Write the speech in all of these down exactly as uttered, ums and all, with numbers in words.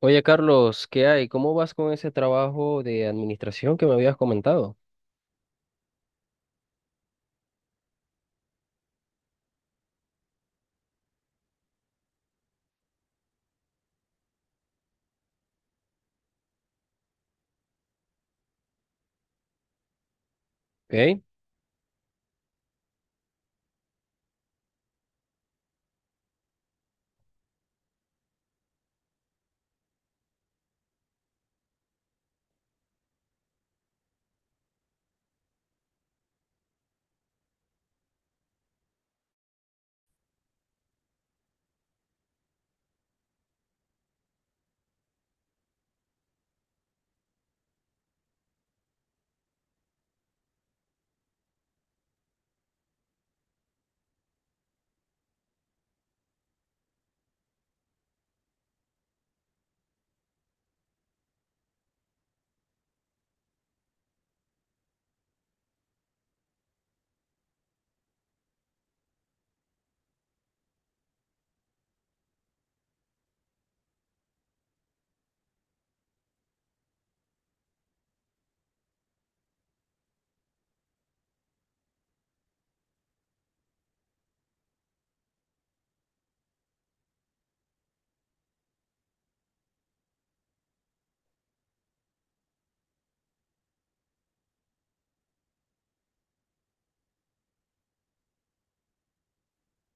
Oye, Carlos, ¿qué hay? ¿Cómo vas con ese trabajo de administración que me habías comentado? ¿Ok?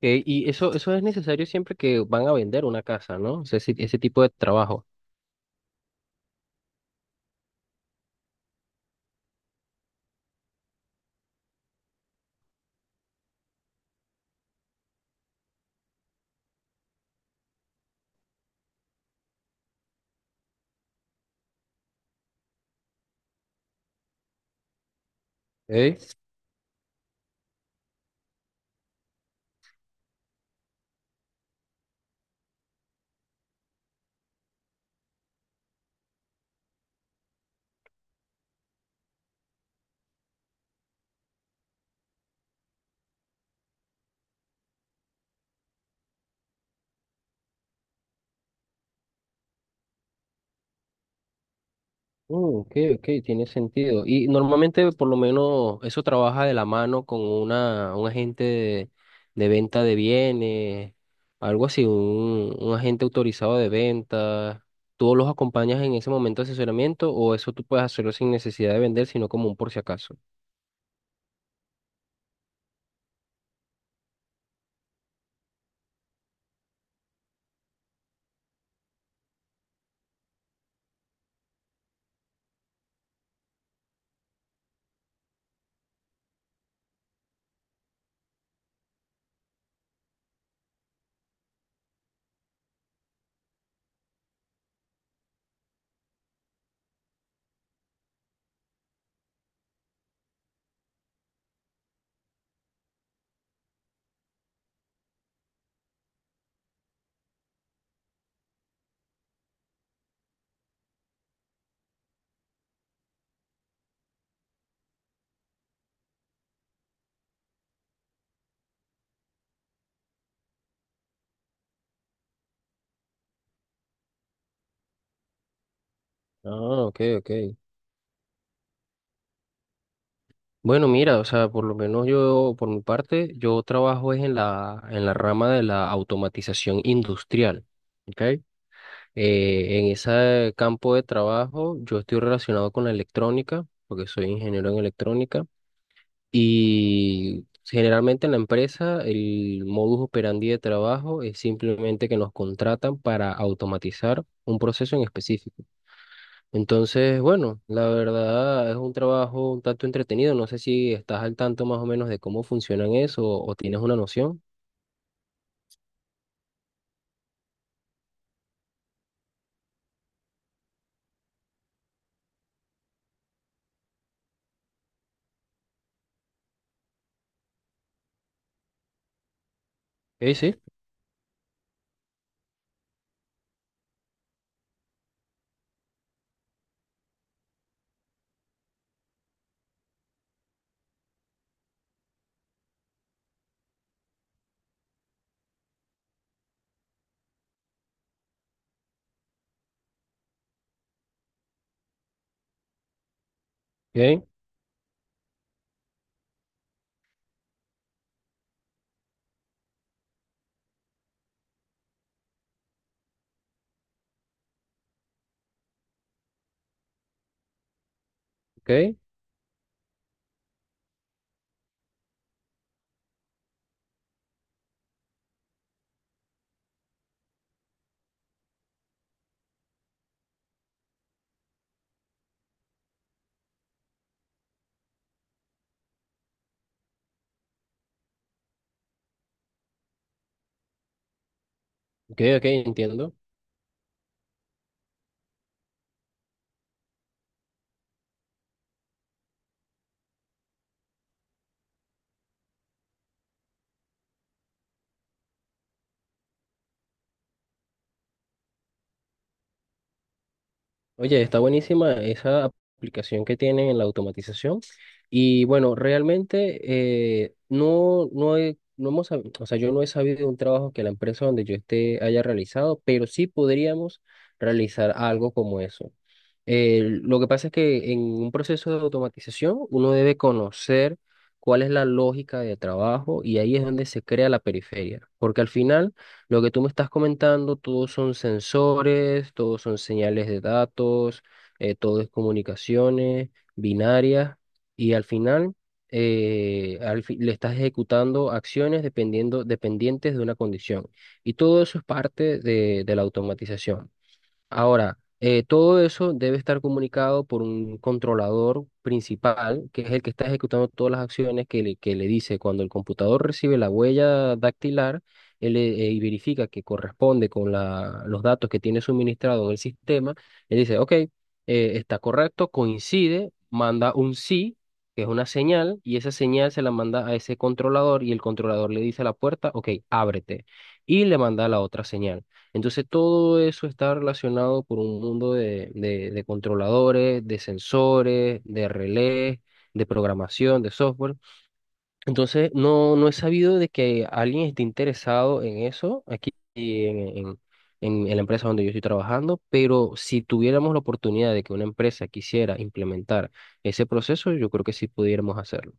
Eh, y eso, eso es necesario siempre que van a vender una casa, ¿no? O sea, ese, ese tipo de trabajo. ¿Ok? Mm, ok, ok, tiene sentido. Y normalmente, por lo menos, eso trabaja de la mano con una, un agente de, de venta de bienes, algo así, un, un agente autorizado de venta. ¿Tú los acompañas en ese momento de asesoramiento o eso tú puedes hacerlo sin necesidad de vender, sino como un por si acaso? Ah, ok, ok. Bueno, mira, o sea, por lo menos yo, por mi parte, yo trabajo es en la, en la rama de la automatización industrial, ¿ok? Eh, en ese campo de trabajo yo estoy relacionado con la electrónica, porque soy ingeniero en electrónica, y generalmente en la empresa el modus operandi de trabajo es simplemente que nos contratan para automatizar un proceso en específico. Entonces, bueno, la verdad es un trabajo un tanto entretenido. No sé si estás al tanto más o menos de cómo funcionan eso o, o tienes una noción. Sí, sí, ok, ok, ok, ok, entiendo. Oye, está buenísima esa aplicación que tienen en la automatización. Y bueno, realmente eh, no, no, he- no hemos sabido, o sea, yo no he sabido de un trabajo que la empresa donde yo esté haya realizado, pero sí podríamos realizar algo como eso. Eh, lo que pasa es que en un proceso de automatización uno debe conocer cuál es la lógica de trabajo y ahí es donde se crea la periferia, porque al final, lo que tú me estás comentando, todos son sensores, todos son señales de datos, eh, todo es comunicaciones binarias y al final eh, al fi- le estás ejecutando acciones dependiendo, dependientes de una condición. Y todo eso es parte de, de la automatización. Ahora, eh, todo eso debe estar comunicado por un controlador principal, que es el que está ejecutando todas las acciones que le, que le dice. Cuando el computador recibe la huella dactilar, él eh, y verifica que corresponde con la- los datos que tiene suministrado en el sistema, él dice, ok, eh, está correcto, coincide, manda un sí, que es una señal, y esa señal se la manda a ese controlador y el controlador le dice a la puerta, ok, ábrete, y le manda la otra señal. Entonces todo eso está relacionado por un mundo de, de- de controladores, de sensores, de relés, de programación, de software. Entonces no, no he sabido de que alguien esté interesado en eso aquí en, en, en- en la empresa donde yo estoy trabajando, pero si tuviéramos la oportunidad de que una empresa quisiera implementar ese proceso, yo creo que sí pudiéramos hacerlo.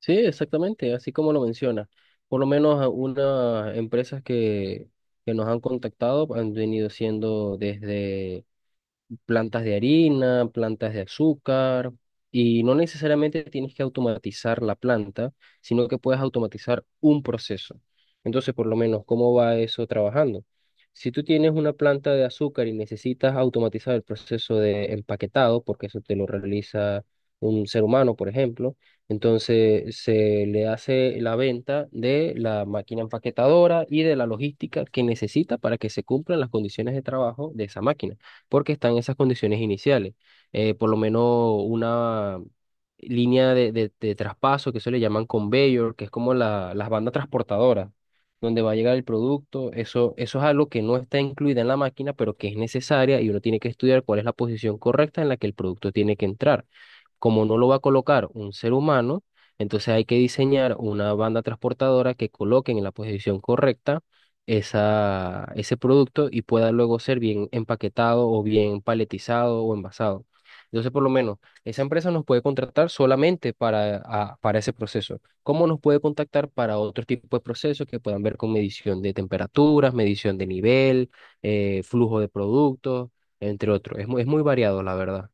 Sí, exactamente, así como lo menciona. Por lo menos a unas empresas que, que nos han contactado han venido siendo desde plantas de harina, plantas de azúcar, y no necesariamente tienes que automatizar la planta, sino que puedes automatizar un proceso. Entonces, por lo menos, ¿cómo va eso trabajando? Si tú tienes una planta de azúcar y necesitas automatizar el proceso de empaquetado, porque eso te lo realiza un ser humano, por ejemplo, entonces se le hace la venta de la máquina empaquetadora y de la logística que necesita para que se cumplan las condiciones de trabajo de esa máquina porque están en esas condiciones iniciales. Eh, por lo menos una línea de, de, de traspaso que se le llaman conveyor, que es como la, las bandas transportadoras, donde va a llegar el producto. Eso, eso es algo que no está incluida en la máquina, pero que es necesaria y uno tiene que estudiar cuál es la posición correcta en la que el producto tiene que entrar. Como no lo va a colocar un ser humano, entonces hay que diseñar una banda transportadora que coloquen en la posición correcta esa, ese producto y pueda luego ser bien empaquetado o bien paletizado o envasado. Entonces, por lo menos, esa empresa nos puede contratar solamente para, a- para ese proceso. ¿Cómo nos puede contactar para otro tipo de procesos que puedan ver con medición de temperaturas, medición de nivel, eh, flujo de productos, entre otros? Es muy, es muy variado, la verdad.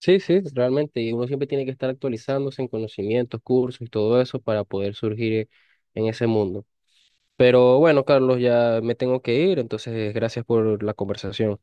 Sí, sí, realmente, y uno siempre tiene que estar actualizándose en conocimientos, cursos y todo eso para poder surgir en ese mundo. Pero bueno, Carlos, ya me tengo que ir, entonces gracias por la conversación.